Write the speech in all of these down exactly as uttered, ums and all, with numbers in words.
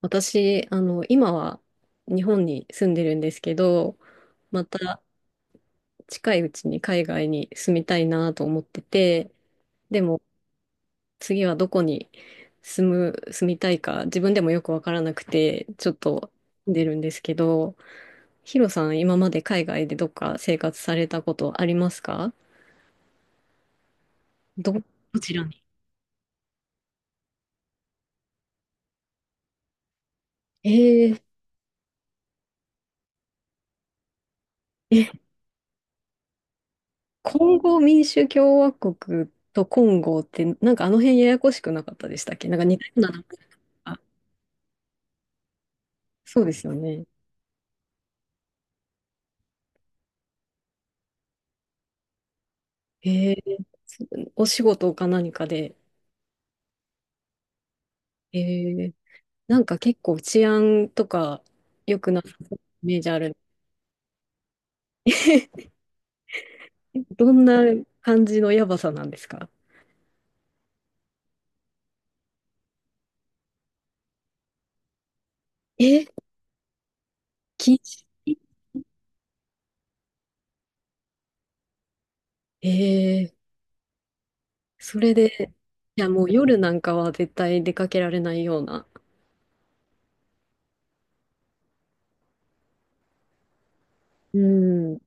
私、あの、今は日本に住んでるんですけど、また近いうちに海外に住みたいなと思ってて、でも次はどこに住む、住みたいか自分でもよくわからなくて、ちょっと住んでるんですけど、ヒロさん、今まで海外でどっか生活されたことありますか？ど、どちらに？えー、え、コンゴ民主共和国とコンゴって、なんかあの辺ややこしくなかったでしたっけ？なんか似たような名前が。そうですよね。へえ、お仕事か何かで。へえ、なんか結構治安とか良くなさそうなイメージある。どんな感じのやばさなんですか？え、禁止。ええ、それで、いやもう夜なんかは絶対出かけられないような。うん、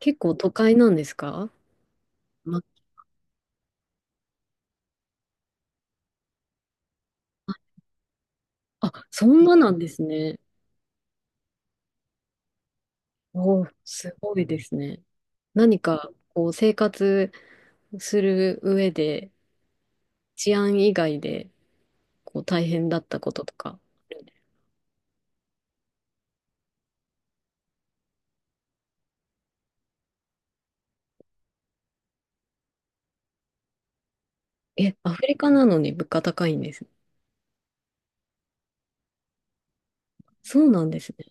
結構都会なんですか？ま、あ、あ、そんななんですね。おー、すごいですね。何かこう生活する上で治安以外で、こう、大変だったこととかある。え、アフリカなのに物価高いんですね。そうなんですね。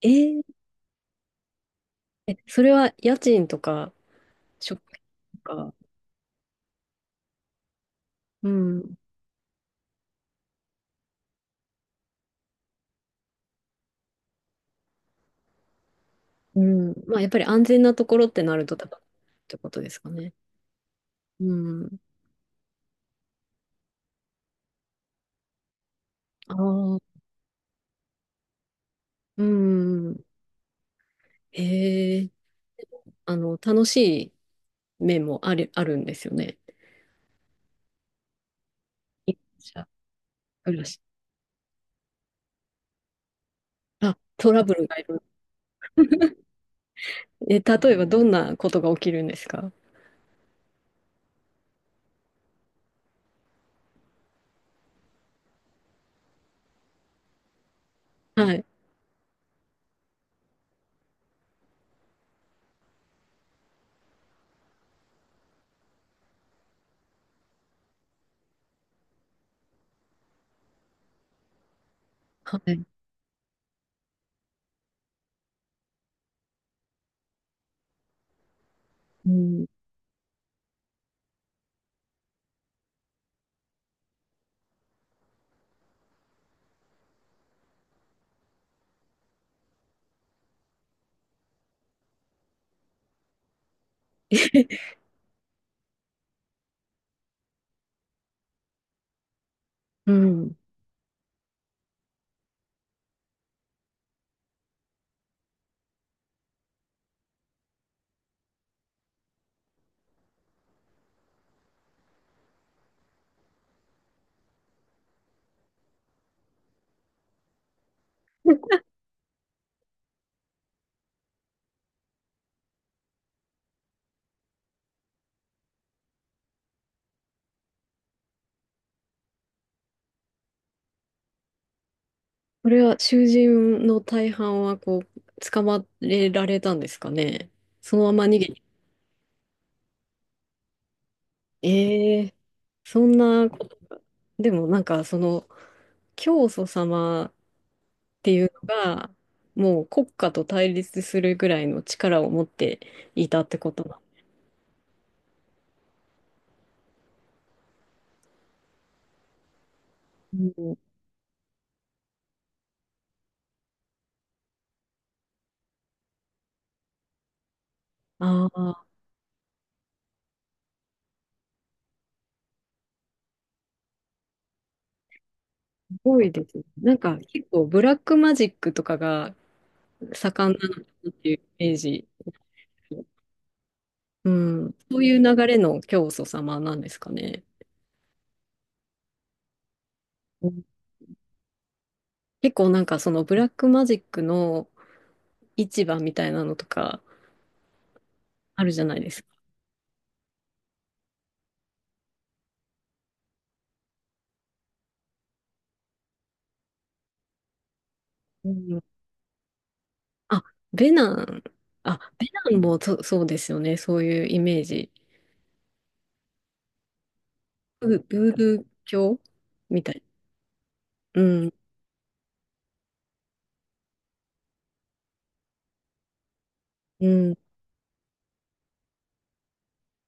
えー、え、それは家賃とか、食費とか、うん、うん。まあ、やっぱり安全なところってなると高いってことですかね。うん。ああ、うん。ええ、あの、楽しい面もある、あるんですよね。一社暮らし。あ、トラブルがいる。え、例えばどんなことが起きるんですか？はい。はい。うん。うん。これは囚人の大半はこう、捕まえられたんですかね。そのまま逃げに。ええ、そんなこ、でもなんかその、教祖様っていうのが、もう国家と対立するぐらいの力を持っていたってことなの。うん、ああ、すごいですね。なんか結構ブラックマジックとかが盛んなのかなっていうイメージ。うん、そういう流れの教祖様なんですかね。うん、結構なんかそのブラックマジックの市場みたいなのとかあるじゃないですか。うん、あ、ベナン。あ、ベナンもそ、そうですよね。そういうイメージ。ブ、ブードゥー教みたい。うん。うん。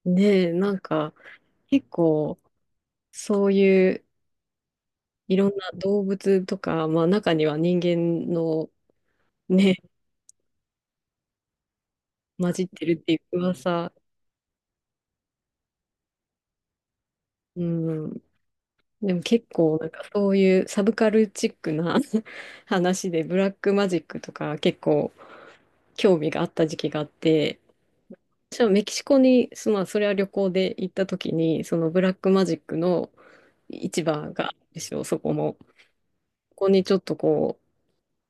ねえ、なんか結構そういういろんな動物とか、まあ中には人間のね、混じってるっていう噂。うん。でも結構なんかそういうサブカルチックな 話でブラックマジックとか結構興味があった時期があって、私はメキシコに、そまあそれは旅行で行った時に、そのブラックマジックの市場があるんですよ、そこも。ここにちょっとこう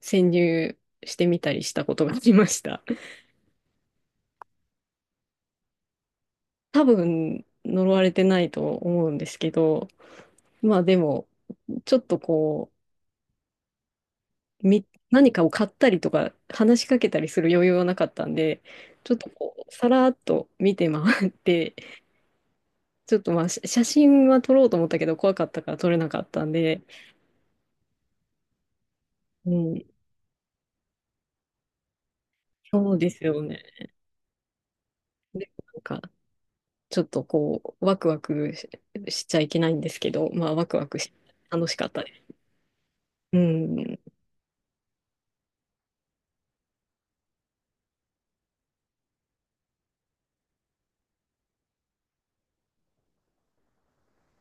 潜入してみたりしたことがありました。多分呪われてないと思うんですけど、まあでもちょっとこう、み、何かを買ったりとか話しかけたりする余裕はなかったんで、ちょっとこう、さらっと見て回って、ちょっとまあ、写写真は撮ろうと思ったけど怖かったから撮れなかったんで、うん、そうですよね。なんか、ちょっとこう、ワクワクし、しちゃいけないんですけど、まあ、ワクワクし、楽しかったです。うん、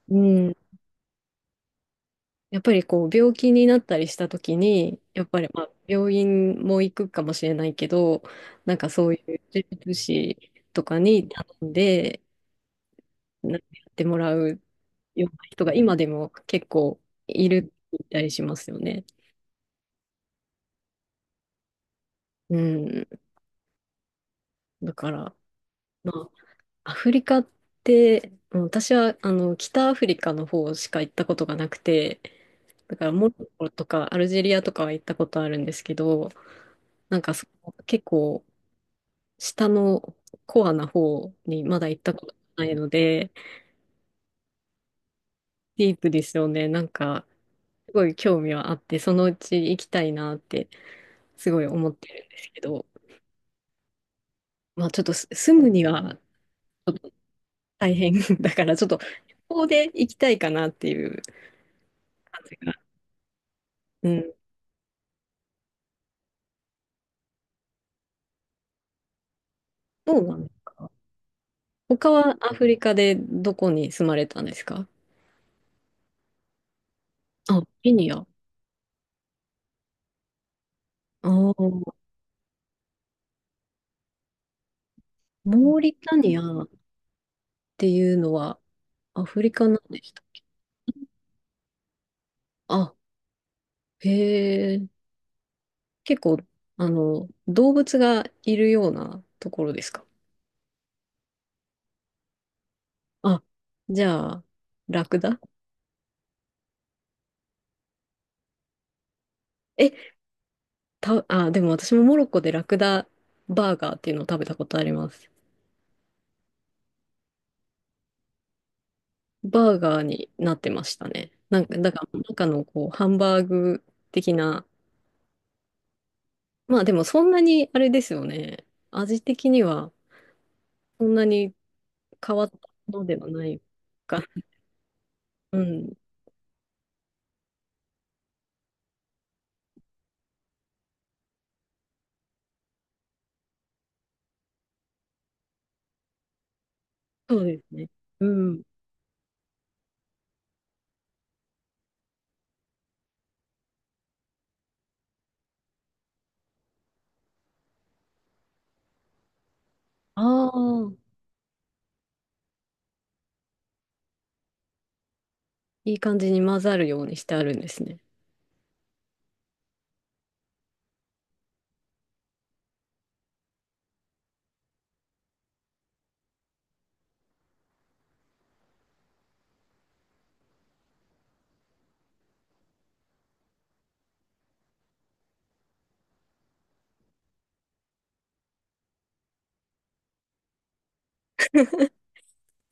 うん、やっぱりこう病気になったりした時にやっぱりまあ病院も行くかもしれないけど、なんかそういう呪術師とかに頼んでなんかやってもらうような人が今でも結構いるみたりしますよね。うん、だからまあアフリカって、うん、私はあの北アフリカの方しか行ったことがなくて、だからモロッコとかアルジェリアとかは行ったことあるんですけど、なんかその結構下のコアな方にまだ行ったことないので、ディープですよね。なんか、すごい興味はあって、そのうち行きたいなって、すごい思ってるんですけど、まあちょっとす住むには大変 だから、ちょっと、ここで行きたいかなっていう感じが。うん。どうなんですか？他はアフリカでどこに住まれたんですか？あ、ケニア。ああ、モーリタニアっていうのはアフリカなんでした。あ、へえ。結構、あの、動物がいるようなところですか？あ、じゃあ、ラクダ。え、た、あ、でも私もモロッコでラクダバーガーっていうのを食べたことあります。バーガーになってましたね。なんか、だから中のこう、ハンバーグ的な、まあでもそんなにあれですよね。味的にはそんなに変わったのではないか。うん。そうですね。うん。ああ、いい感じに混ざるようにしてあるんですね。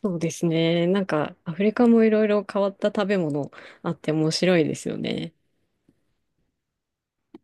そうですね。なんか、アフリカもいろいろ変わった食べ物あって面白いですよね。